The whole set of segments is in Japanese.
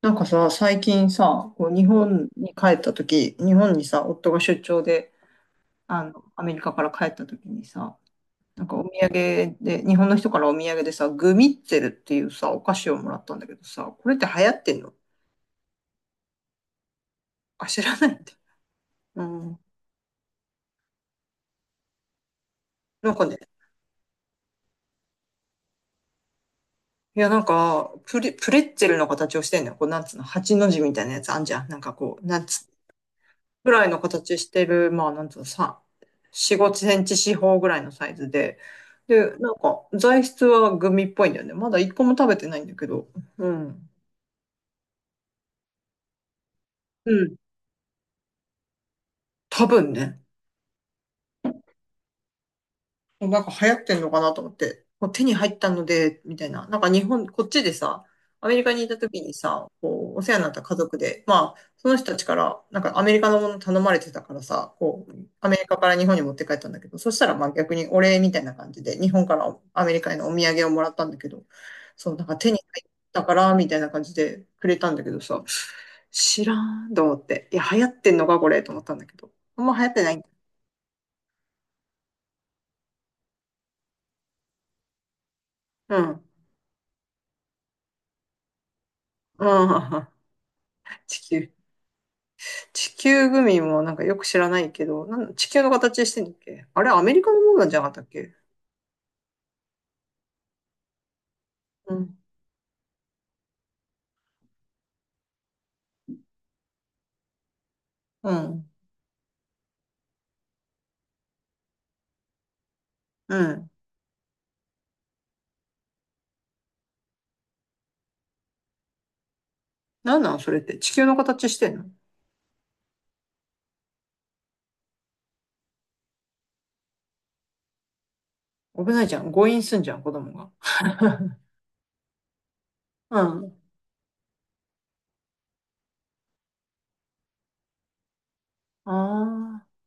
なんかさ、最近さ、こう日本に帰った時、日本にさ、夫が出張で、アメリカから帰った時にさ、なんかお土産で、日本の人からお土産でさ、グミッツェルっていうさ、お菓子をもらったんだけどさ、これって流行ってんの？あ、知らないって。うん。なんかね、いや、なんか、プレッツェルの形をしてんのよ。こう、なんつうの、八の字みたいなやつあんじゃん。なんかこう、なんつぐらいの形してる、まあ、なんつうの、さん、4、5センチ四方ぐらいのサイズで、で、なんか、材質はグミっぽいんだよね。まだ一個も食べてないんだけど、うん。うん。多分ね。なんか流行ってんのかなと思って、もう手に入ったので、みたいな。なんか日本、こっちでさ、アメリカにいた時にさ、こう、お世話になった家族で、まあ、その人たちから、なんかアメリカのもの頼まれてたからさ、こう、アメリカから日本に持って帰ったんだけど、そしたらまあ逆にお礼みたいな感じで、日本からアメリカへのお土産をもらったんだけど、そう、なんか手に入ったから、みたいな感じでくれたんだけどさ、知らんと思って、いや、流行ってんのか、これ、と思ったんだけど、あんま流行ってないんだ。うん。うん。地球。地球グミもなんかよく知らないけど、なん地球の形してんだっけ？あれ、アメリカのものなんじゃなかったっけ？うん。うん。うん。なんなんそれって。地球の形してんの？危ないじゃん。誤飲すんじゃん、子供が。うん。あー、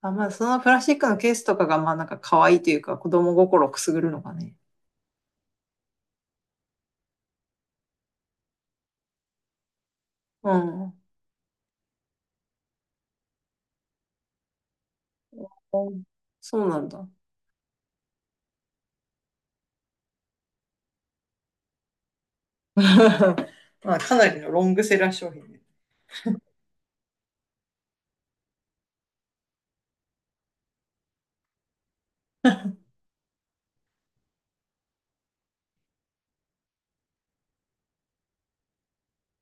あ。まあ、そのプラスチックのケースとかが、まあなんか可愛いというか、子供心をくすぐるのがね。うん。うん、そうなんだ。まあ、かなりのロングセラー商品ね。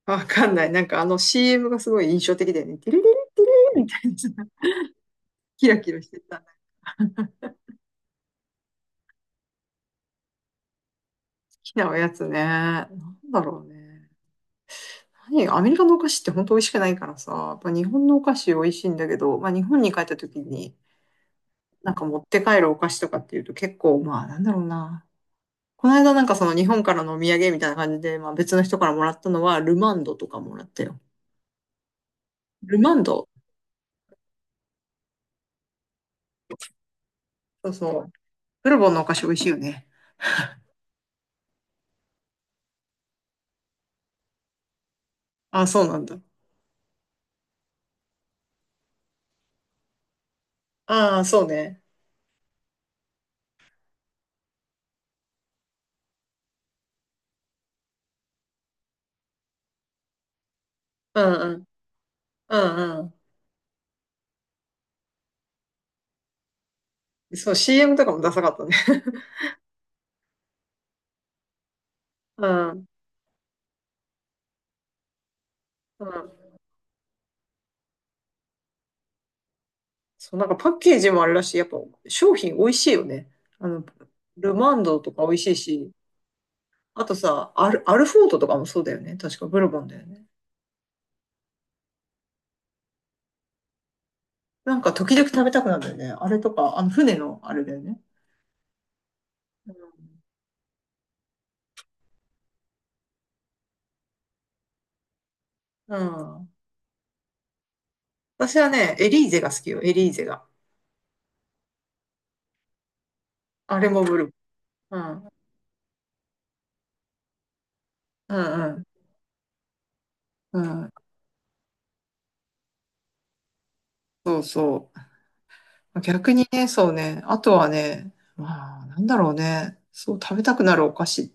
わかんない。なんかあの CM がすごい印象的だよね。テレレレテレレみたいな、キラキラしてた。きなおやつね。なんだろうね。何アメリカのお菓子って本当美味しくないからさ、やっぱ日本のお菓子美味しいんだけど、まあ日本に帰った時になんか持って帰るお菓子とかっていうと結構まあなんだろうな。この間なんかその日本からのお土産みたいな感じで、まあ別の人からもらったのはルマンドとかもらったよ。ルマンド、そうそう。ブルボンのお菓子美味しいよね。ああ、そうなんだ。ああ、そうね。うんうん。うんうん。そう、CM とかもダサかったね。うん。うん、そう、なんかパッケージもあるらしい。やっぱ商品美味しいよね。あの、ルマンドとか美味しいし、あとさ、アルフォートとかもそうだよね。確かブルボンだよね。なんか時々食べたくなるんだよね。あれとか、あの船のあれだよね。うん。うん、私はね、エリーゼが好きよ。エリーゼが。あれもブルボン。うん。うんうん。うん。そうそう。逆にね、そうね。あとはね、まあ、なんだろうね。そう、食べたくなるお菓子。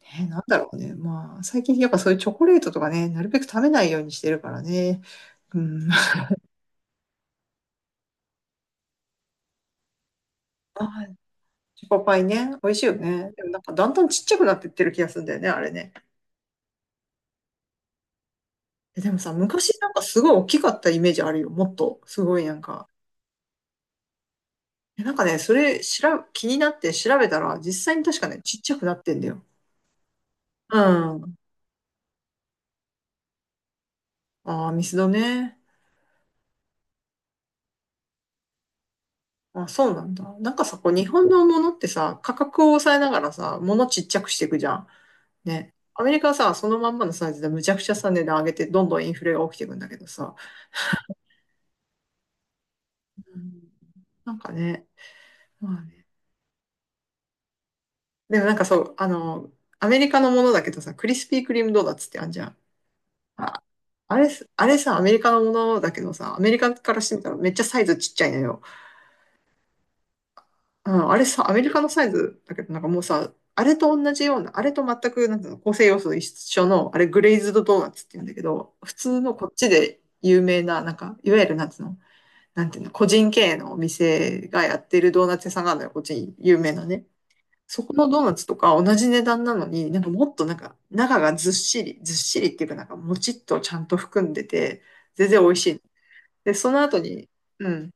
なんだろうね。まあ、最近やっぱそういうチョコレートとかね、なるべく食べないようにしてるからね。うん。あー、チョコパイね、美味しいよね。でもなんかだんだんちっちゃくなってってる気がするんだよね、あれね。え、でもさ、昔なんかすごい大きかったイメージあるよ。もっと、すごいなんか。え、なんかね、それしら、気になって調べたら、実際に確かね、ちっちゃくなってんだよ。うん。ああ、ミスドね。あ、そうなんだ。なんかさ、こう日本のものってさ、価格を抑えながらさ、ものちっちゃくしていくじゃん。ね。アメリカはさ、そのまんまのサイズでむちゃくちゃさ、値段上げて、どんどんインフレが起きていくんだけどさ、うん、なんかね、まあね。でもなんかそう、アメリカのものだけどさ、クリスピークリームドーナツってあんじゃん。あ、あれす、あれさ、アメリカのものだけどさ、アメリカからしてみたらめっちゃサイズちっちゃいのよ。うん、あれさ、アメリカのサイズだけど、なんかもうさ、あれと同じような、あれと全く、なんていうの、構成要素一緒の、あれグレイズドドーナツって言うんだけど、普通のこっちで有名な、なんか、いわゆるなんていうの、なんていうの、個人経営のお店がやってるドーナツ屋さんがあるのよ、こっちに有名なね。そこのドーナツとか同じ値段なのに、なんかもっとなんか中がずっしり、ずっしりっていうかなんかもちっとちゃんと含んでて、全然美味しい。で、その後に、うん。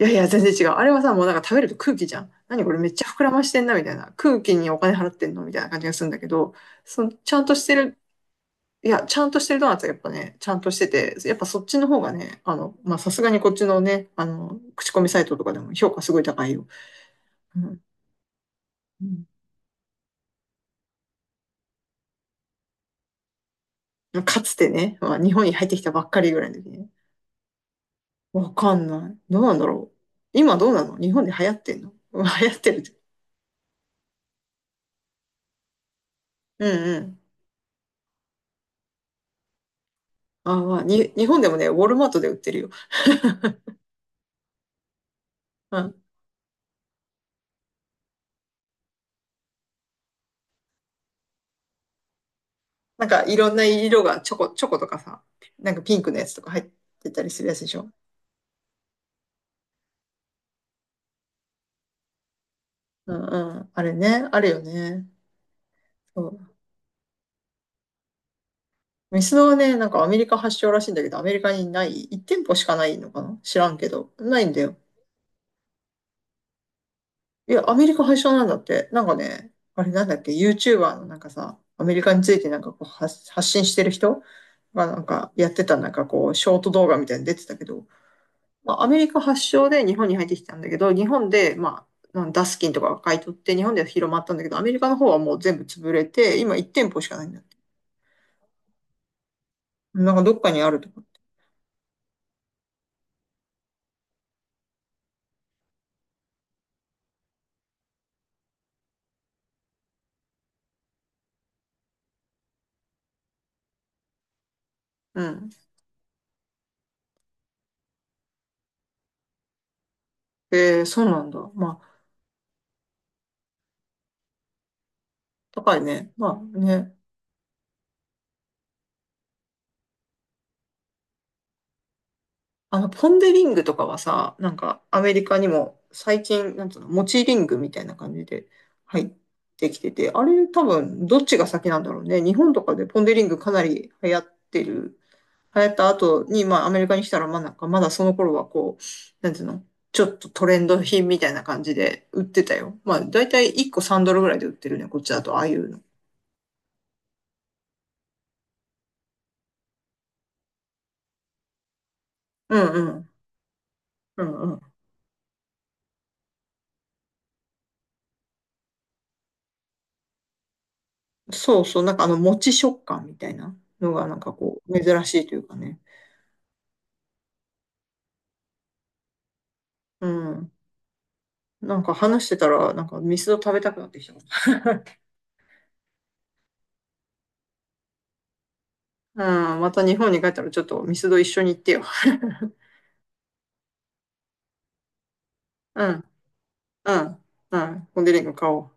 いやいや、全然違う。あれはさ、もうなんか食べると空気じゃん。何これめっちゃ膨らましてんな、みたいな。空気にお金払ってんのみたいな感じがするんだけど、そのちゃんとしてるいや、ちゃんとしてるドーナツはやっぱね、ちゃんとしてて、やっぱそっちの方がね、まあ、さすがにこっちのね、口コミサイトとかでも評価すごい高いよ。うんうん、かつてね、まあ、日本に入ってきたばっかりぐらいの時ね。わかんない。どうなんだろう。今どうなの？日本で流行ってんの？うん。 流行ってるって。うんうん。あー、まあ、日本でもね、ウォルマートで売ってるよ。うん。なんかいろんな色が、チョコとかさ、なんかピンクのやつとか入ってたりするやつでしょ。うんうん。あれね、あるよね。そう、ミスドはね、なんかアメリカ発祥らしいんだけど、アメリカにない、1店舗しかないのかな知らんけど。ないんだよ。いや、アメリカ発祥なんだって。なんかね、あれなんだっけ、YouTuber のなんかさ、アメリカについてなんかこう発信してる人がなんかやってたなんかこう、ショート動画みたいに出てたけど、まあ、アメリカ発祥で日本に入ってきたんだけど、日本で、まあ、なんダスキンとかが買い取って日本では広まったんだけど、アメリカの方はもう全部潰れて、今1店舗しかないんだって。なんかどっかにあるとか。うん。えー、そうなんだ。まあ高いね。まあね。ポンデリングとかはさ、なんかアメリカにも最近、なんつうの、モチリングみたいな感じで入ってきてて、あれ多分どっちが先なんだろうね。日本とかでポンデリングかなり流行ってる。流行った後に、まあアメリカに来たら、まあなんかまだその頃はこう、なんつうの、ちょっとトレンド品みたいな感じで売ってたよ。まあだいたい1個3ドルぐらいで売ってるね、こっちだと、ああいうの。うんうん。うんうん、そうそう、餅食感みたいなのが、なんかこう、珍しいというかね。うん。なんか話してたら、なんかミスド食べたくなってきた。うん、また日本に帰ったらちょっとミスド一緒に行ってよ。うん、うん、うん。コンデリング買おう。